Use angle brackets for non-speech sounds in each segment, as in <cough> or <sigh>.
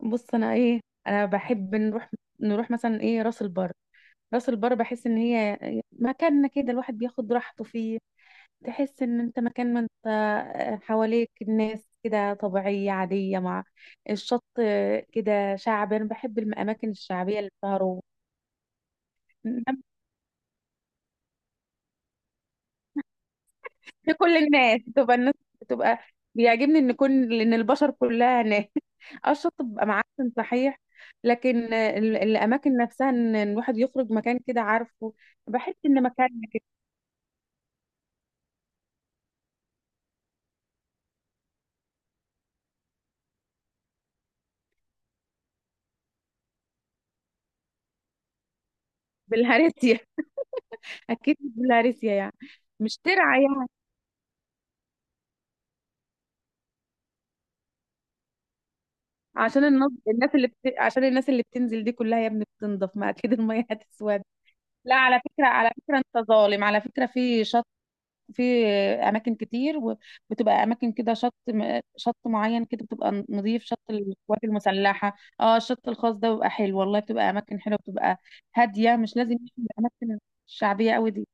بص، انا انا بحب نروح مثلا راس البر. راس البر بحس ان هي مكاننا كده، الواحد بياخد راحته فيه. تحس ان انت مكان، ما انت آه، حواليك الناس كده طبيعية عادية مع الشط كده، شعب. انا بحب الاماكن الشعبية اللي بتهرب لكل الناس، بتبقى الناس بتبقى بيعجبني ان كل ان البشر كلها ناس. <laughs> اه الشط بيبقى معفن صحيح، لكن الاماكن نفسها، ان الواحد يخرج مكان كده، عارفه؟ بحس ان مكان كده. بالهارسيا. <laughs> اكيد مش بالهارسيا يعني، مش ترعى يعني. عشان عشان الناس اللي بتنزل دي كلها يا ابني بتنضف، ما اكيد الميه <laughs> هتسود. لا على فكره، على فكره انت ظالم. على فكره في شط، في اماكن كتير، وبتبقى اماكن كده. شط معين كده بتبقى نظيف، شط القوات المسلحه، اه الشط الخاص ده بيبقى حلو والله، بتبقى اماكن حلوه، بتبقى هاديه. مش لازم الاماكن الشعبيه قوي دي.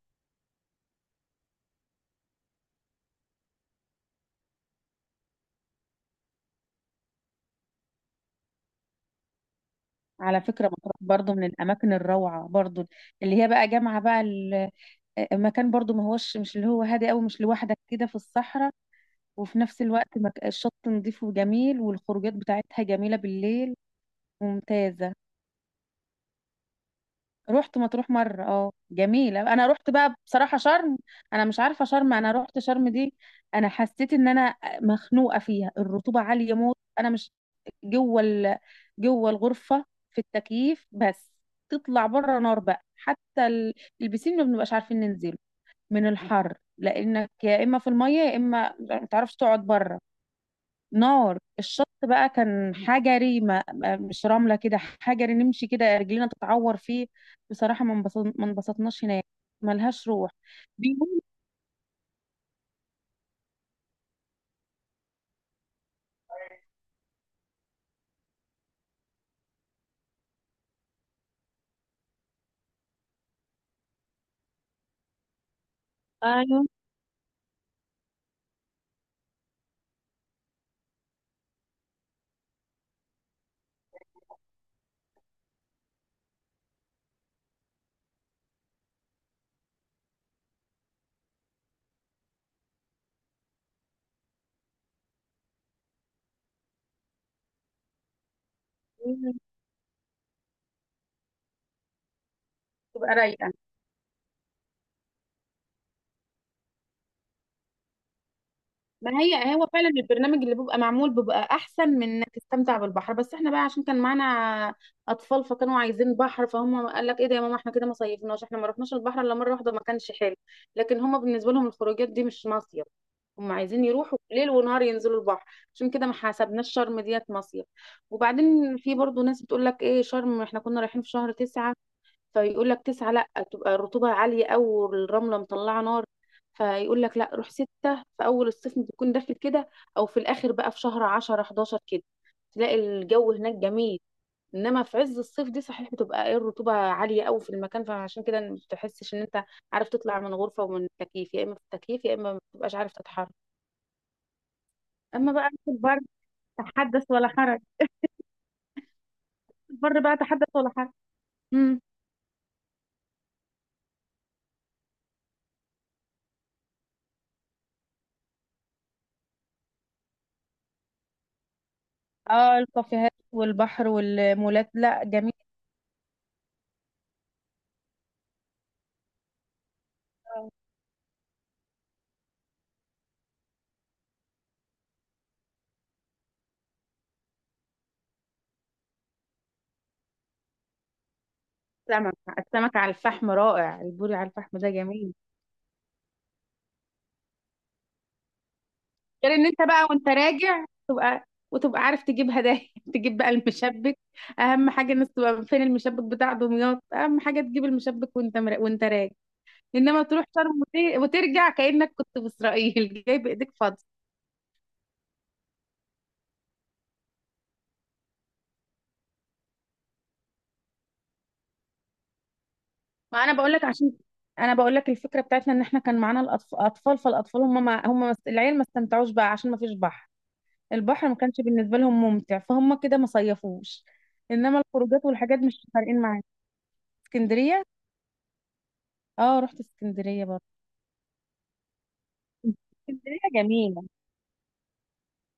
على فكره مطروح برضو من الاماكن الروعه برضو، اللي هي بقى جامعه بقى مكان برضو ما هوش، مش اللي هو هادي قوي مش لوحدك كده في الصحراء، وفي نفس الوقت الشط نظيف وجميل، والخروجات بتاعتها جميله بالليل، ممتازه. رحت مطروح مرة، اه جميلة. انا رحت بقى بصراحة شرم، انا مش عارفة شرم، انا رحت شرم دي انا حسيت ان انا مخنوقة فيها، الرطوبة عالية موت. انا مش جوه ال... جوه الغرفة في التكييف بس، تطلع بره نار بقى. البسين ما بنبقاش عارفين ننزله من الحر، لانك يا اما في المية يا اما ما تعرفش تقعد بره. نار الشط بقى، كان حجري، مش رملة كده، حجري، نمشي كده رجلينا تتعور فيه. بصراحة ما انبسطناش هناك، ملهاش روح. بيقول ايوه. بيقولوا تبقى رايقة. ما هي هو فعلا البرنامج اللي بيبقى معمول بيبقى احسن من انك تستمتع بالبحر بس، احنا بقى عشان كان معانا اطفال، فكانوا عايزين بحر، فهم قال لك ايه ده يا ماما، احنا كده ما صيفناش، احنا ما رحناش البحر الا مره واحده، ما كانش حلو. لكن هم بالنسبه لهم الخروجات دي مش مصيف، هم عايزين يروحوا ليل ونهار ينزلوا البحر. عشان كده ما حسبناش شرم ديت مصيف. وبعدين في برضو ناس بتقول لك ايه شرم، احنا كنا رايحين في شهر 9، فيقول لك 9 لا، تبقى الرطوبة عالية أوي والرملة مطلعة نار، فيقول لك لا روح 6 في أول الصيف بتكون داخل كده، أو في الآخر بقى في شهر 10 11 كده، تلاقي الجو هناك جميل. إنما في عز الصيف دي صحيح بتبقى إيه، الرطوبة عالية أوي في المكان، فعشان كده ما بتحسش إن أنت عارف تطلع من غرفة ومن التكييف، يا إما في التكييف يا إما ما بتبقاش عارف تتحرك. أما بقى في البر، تحدث ولا حرج. البر بقى تحدث ولا حرج. امم. اه الكافيهات والبحر والمولات، لا جميل. السمك، السمك على الفحم رائع، البوري على الفحم ده جميل. غير ان انت بقى وانت راجع تبقى عارف تجيب هدايا. <laughs> تجيب بقى المشبك، اهم حاجه الناس تبقى فين، المشبك بتاع دمياط، اهم حاجه تجيب المشبك وانت راجع. انما تروح شرم وترجع كانك كنت في اسرائيل، <laughs> جاي بايديك فاضيه. ما انا بقول لك عشان انا بقول لك الفكره بتاعتنا ان احنا كان معانا الاطفال اطفال، فالاطفال هم ما... هم ما... العيال ما استمتعوش بقى عشان ما فيش بحر، البحر ما كانش بالنسبة لهم ممتع، فهم كده ما صيفوش. انما الخروجات والحاجات مش فارقين معايا. اسكندرية؟ اه رحت اسكندرية برضه. اسكندرية جميلة،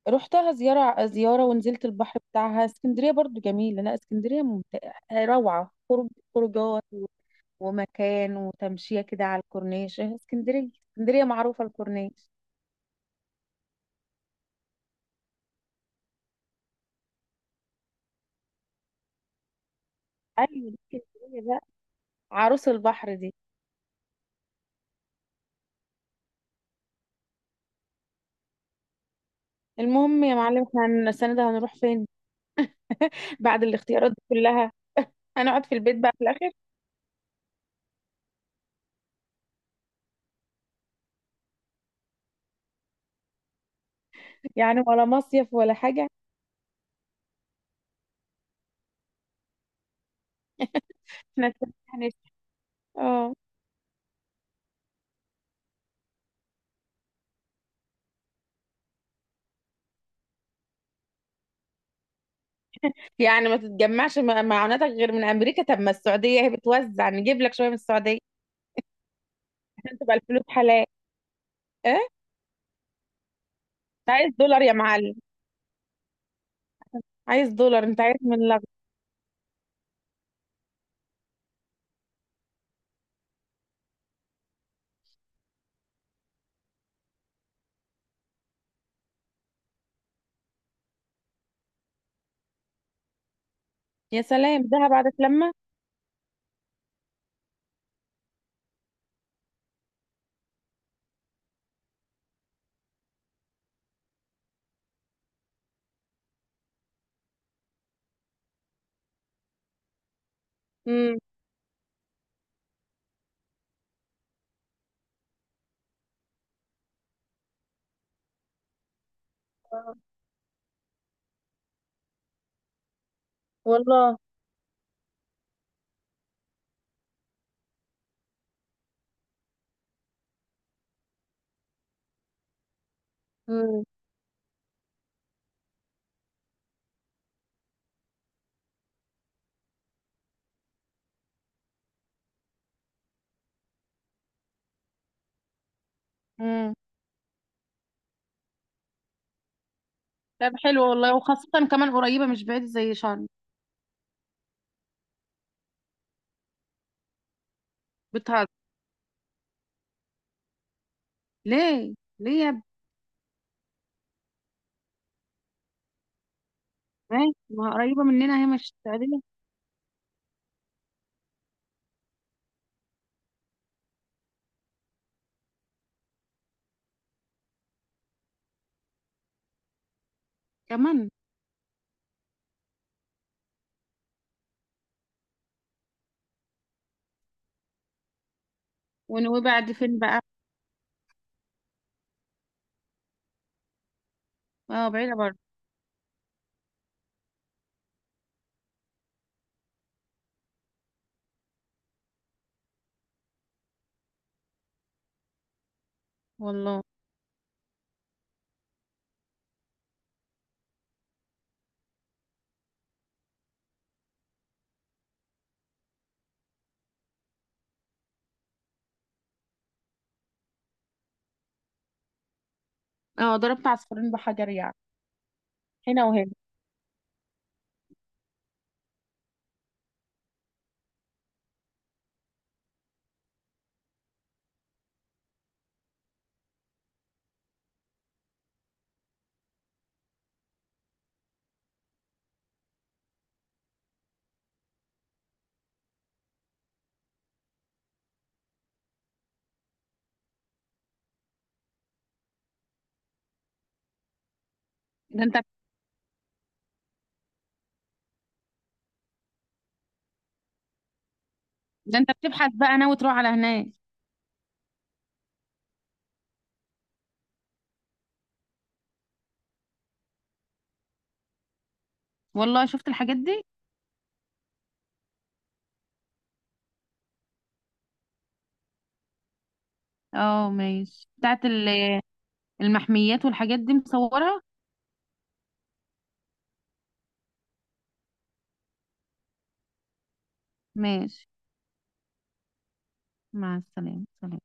رحتها زيارة زيارة ونزلت البحر بتاعها. اسكندرية برضو جميلة، لا اسكندرية ممتعة، روعة، خروج، خروجات و- ومكان وتمشية كده على الكورنيش، إيه اسكندرية، اسكندرية معروفة الكورنيش. ايوه دي اسكندرية بقى، عروس البحر دي. المهم يا معلم احنا السنة ده هنروح فين؟ <laughs> بعد الاختيارات دي كلها هنقعد في البيت بقى في الاخر، يعني ولا مصيف ولا حاجه. احنا هنس، اه. يعني ما معوناتك غير من امريكا، طب ما السعوديه هي بتوزع، نجيب لك شويه من السعوديه عشان تبقى الفلوس حلال. ايه أنت عايز دولار يا معلم؟ عايز دولار، انت عايز من لغ. يا سلام دهب بعد لما. امم. والله. امم. امم. طب حلو والله، وخاصه كمان قريبه مش بعيده زي شرم. بتهزر؟ ليه ليه يا ابني؟ ماشي، ما هي قريبه مننا، هي مش السعوديه. كمان. ونويبع دي فين بقى؟ اه بعيدة برضه. والله. اه ضربت عصفورين بحجر يعني، هنا وهنا. ده انت، ده انت بتبحث بقى ناوي تروح على هناك. والله شفت الحاجات دي. اه ماشي، بتاعت المحميات والحاجات دي مصورها؟ ماشي. مع السلامة، سلام.